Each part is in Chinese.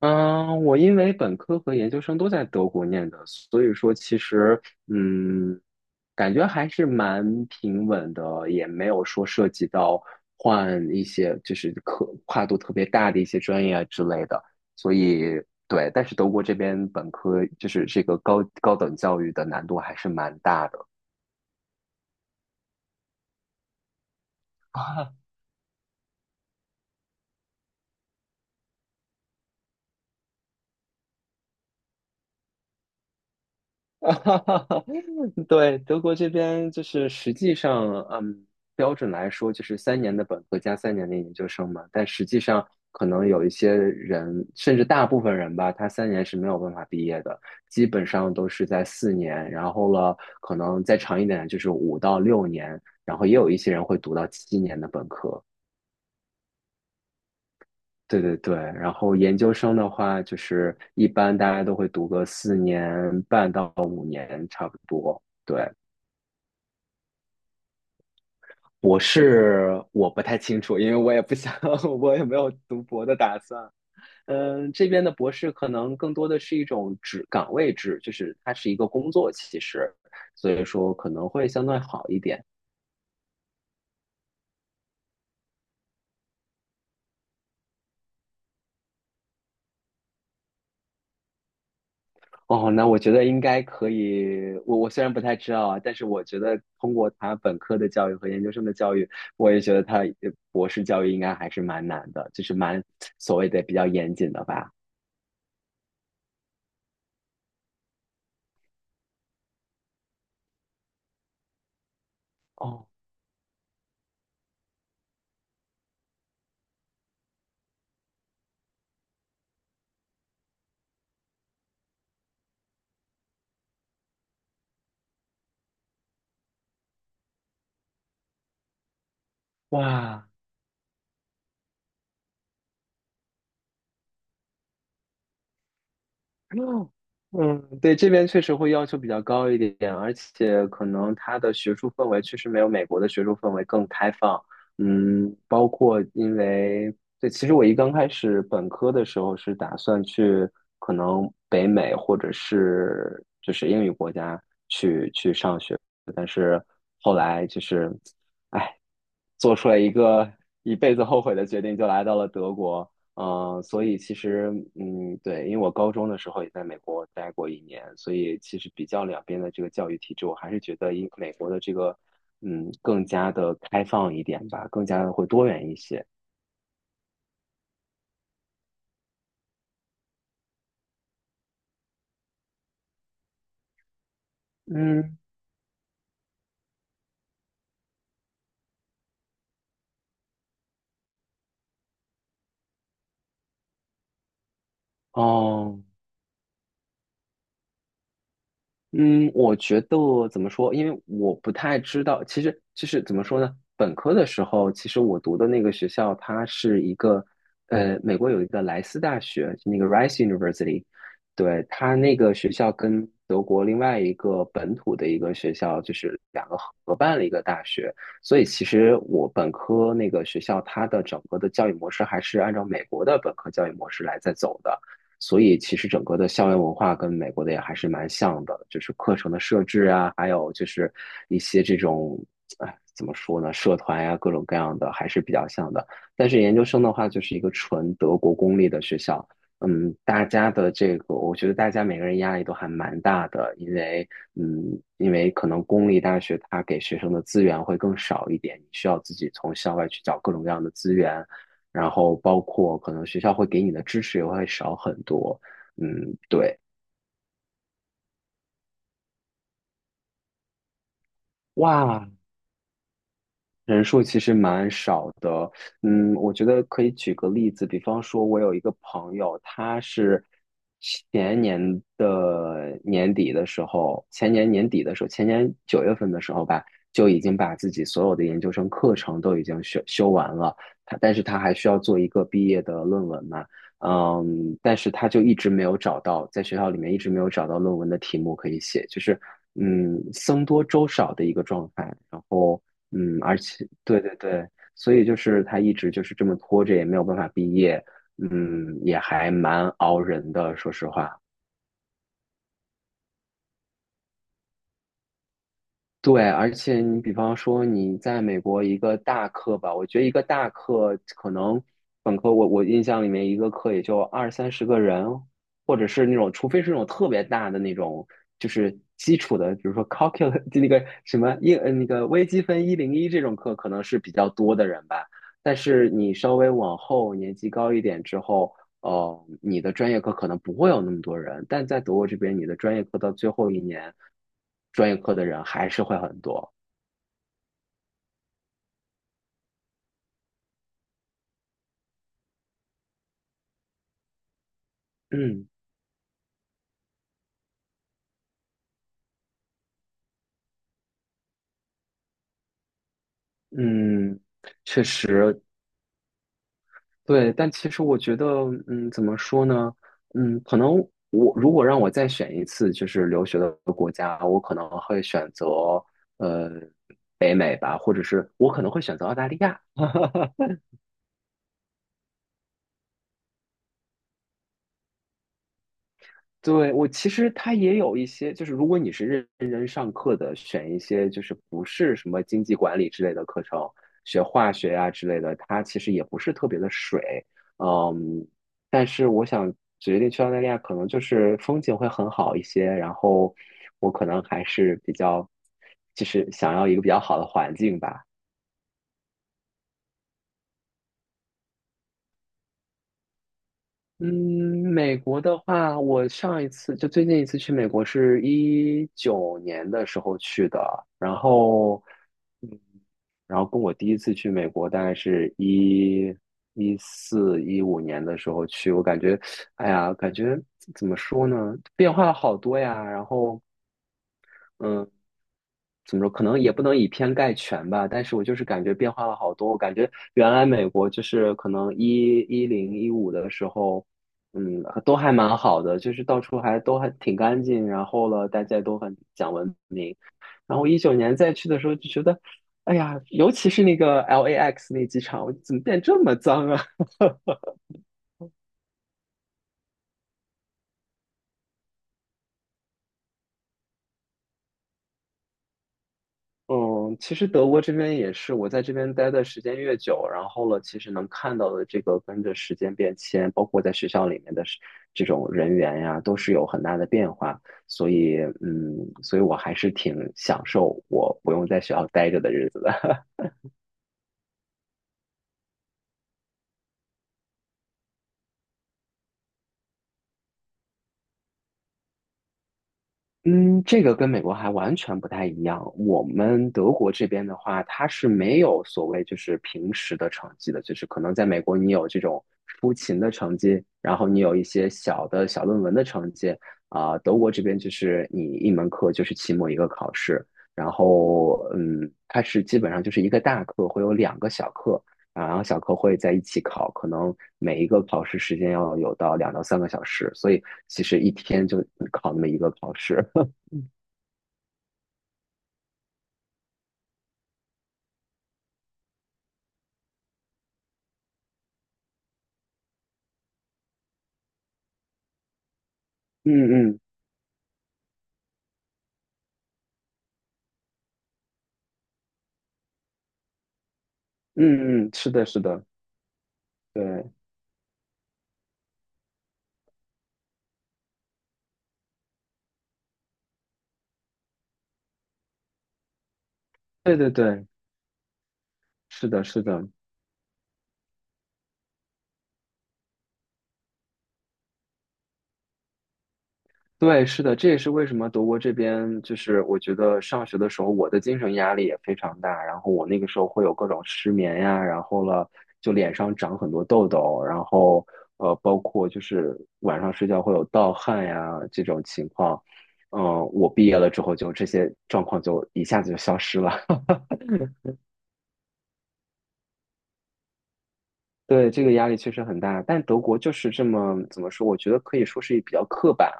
嗯，我因为本科和研究生都在德国念的，所以说其实嗯，感觉还是蛮平稳的，也没有说涉及到换一些就是科跨度特别大的一些专业啊之类的。所以对，但是德国这边本科就是这个高等教育的难度还是蛮大的。哈哈哈，对，德国这边就是实际上，标准来说就是三年的本科加三年的研究生嘛。但实际上，可能有一些人，甚至大部分人吧，他三年是没有办法毕业的，基本上都是在四年，然后了，可能再长一点就是5到6年，然后也有一些人会读到7年的本科。对对对，然后研究生的话，就是一般大家都会读个4年半到5年，差不多。对。博士我不太清楚，因为我也不想，我也没有读博的打算。嗯，这边的博士可能更多的是一种职岗位制，就是它是一个工作，其实，所以说可能会相对好一点。哦，那我觉得应该可以。我虽然不太知道啊，但是我觉得通过他本科的教育和研究生的教育，我也觉得他博士教育应该还是蛮难的，就是蛮所谓的比较严谨的吧。哦，哇，嗯，对，这边确实会要求比较高一点，而且可能它的学术氛围确实没有美国的学术氛围更开放。嗯，包括因为，对，其实我刚开始本科的时候是打算去可能北美或者是就是英语国家去上学，但是后来就是。做出了一个一辈子后悔的决定，就来到了德国。嗯、所以其实，嗯，对，因为我高中的时候也在美国待过一年，所以其实比较两边的这个教育体制，我还是觉得英美国的这个，更加的开放一点吧，更加的会多元一些。嗯，哦。嗯，我觉得怎么说？因为我不太知道，其实怎么说呢？本科的时候，其实我读的那个学校，它是一个美国有一个莱斯大学，就那个 Rice University，对，它那个学校跟德国另外一个本土的一个学校，就是两个合办了一个大学，所以其实我本科那个学校，它的整个的教育模式还是按照美国的本科教育模式来在走的。所以其实整个的校园文化跟美国的也还是蛮像的，就是课程的设置啊，还有就是一些这种，哎，怎么说呢，社团呀、各种各样的还是比较像的。但是研究生的话，就是一个纯德国公立的学校，嗯，大家的这个，我觉得大家每个人压力都还蛮大的，因为，嗯，因为可能公立大学它给学生的资源会更少一点，你需要自己从校外去找各种各样的资源，然后包括可能学校会给你的支持也会少很多。嗯，对，哇，人数其实蛮少的，嗯，我觉得可以举个例子，比方说，我有一个朋友，他是前年的年底的时候，前年年底的时候，前年9月份的时候吧，就已经把自己所有的研究生课程都已经修完了，但是他还需要做一个毕业的论文嘛，嗯，但是他就一直没有找到，在学校里面一直没有找到论文的题目可以写，就是嗯，僧多粥少的一个状态，然后。嗯，而且对对对，所以就是他一直就是这么拖着，也没有办法毕业，嗯，也还蛮熬人的，说实话。对，而且你比方说你在美国一个大课吧，我觉得一个大课可能本科我印象里面一个课也就二三十个人，或者是那种，除非是那种特别大的那种，就是基础的，比如说 calculus 就那个什么那个微积分一零一这种课可能是比较多的人吧。但是你稍微往后年级高一点之后，哦，你的专业课可能不会有那么多人，但在德国这边，你的专业课到最后一年，专业课的人还是会很多。嗯嗯，确实对，但其实我觉得，嗯，怎么说呢？嗯，可能如果让我再选一次，就是留学的国家，我可能会选择呃北美吧，或者是我可能会选择澳大利亚。对，我其实它也有一些，就是如果你是认真上课的，选一些就是不是什么经济管理之类的课程，学化学呀、之类的，它其实也不是特别的水。嗯，但是我想决定去澳大利亚，可能就是风景会很好一些，然后我可能还是比较，就是想要一个比较好的环境吧。嗯，美国的话，我上一次就最近一次去美国是一九年的时候去的，然后跟我第一次去美国，大概是一一四一五年的时候去，我感觉，哎呀，感觉怎么说呢，变化了好多呀。然后嗯，怎么说？可能也不能以偏概全吧，但是我就是感觉变化了好多。我感觉原来美国就是可能一一零一五的时候，嗯，都还蛮好的，就是到处还都还挺干净，然后了，大家都很讲文明。然后一九年再去的时候就觉得，哎呀，尤其是那个 LAX 那机场，我怎么变这么脏啊？嗯，其实德国这边也是，我在这边待的时间越久，然后了，其实能看到的这个跟着时间变迁，包括在学校里面的是这种人员呀，都是有很大的变化。所以，嗯，所以我还是挺享受我不用在学校待着的日子的。嗯，这个跟美国还完全不太一样。我们德国这边的话，它是没有所谓就是平时的成绩的，就是可能在美国你有这种出勤的成绩，然后你有一些小的小论文的成绩啊、德国这边就是你一门课就是期末一个考试，然后嗯，它是基本上就是一个大课会有两个小课啊，然后小课会在一起考，可能每一个考试时间要有到两到三个小时，所以其实一天就考那么一个考试。嗯嗯嗯嗯，是的，是的，对，对对对，是的，是的，对，是的，这也是为什么德国这边就是我觉得上学的时候我的精神压力也非常大，然后我那个时候会有各种失眠呀，然后了就脸上长很多痘痘，然后包括就是晚上睡觉会有盗汗呀这种情况，嗯、我毕业了之后就这些状况就一下子就消失了，对，这个压力确实很大，但德国就是这么怎么说？我觉得可以说是比较刻板、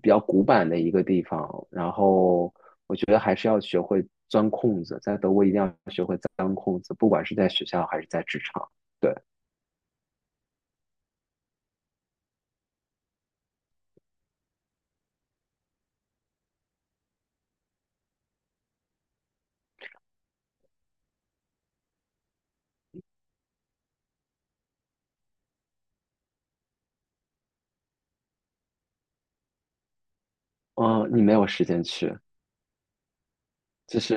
比较古板的一个地方。然后我觉得还是要学会钻空子，在德国一定要学会钻空子，不管是在学校还是在职场。对，嗯，你没有时间去，就是。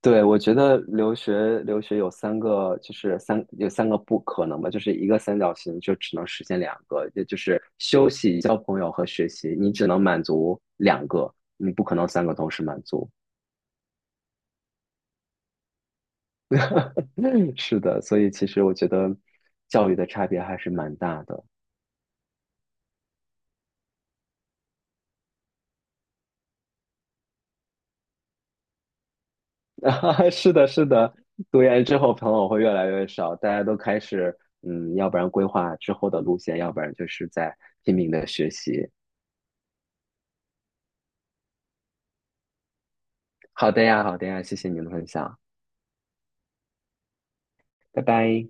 对，我觉得留学有三个，就是有三个不可能吧，就是一个三角形就只能实现两个，也就是休息、交朋友和学习，你只能满足两个，你不可能三个同时满足。是的，所以其实我觉得教育的差别还是蛮大的。是的，是的，读研之后朋友会越来越少，大家都开始嗯，要不然规划之后的路线，要不然就是在拼命的学习。好的呀，好的呀，谢谢您的分享，拜拜。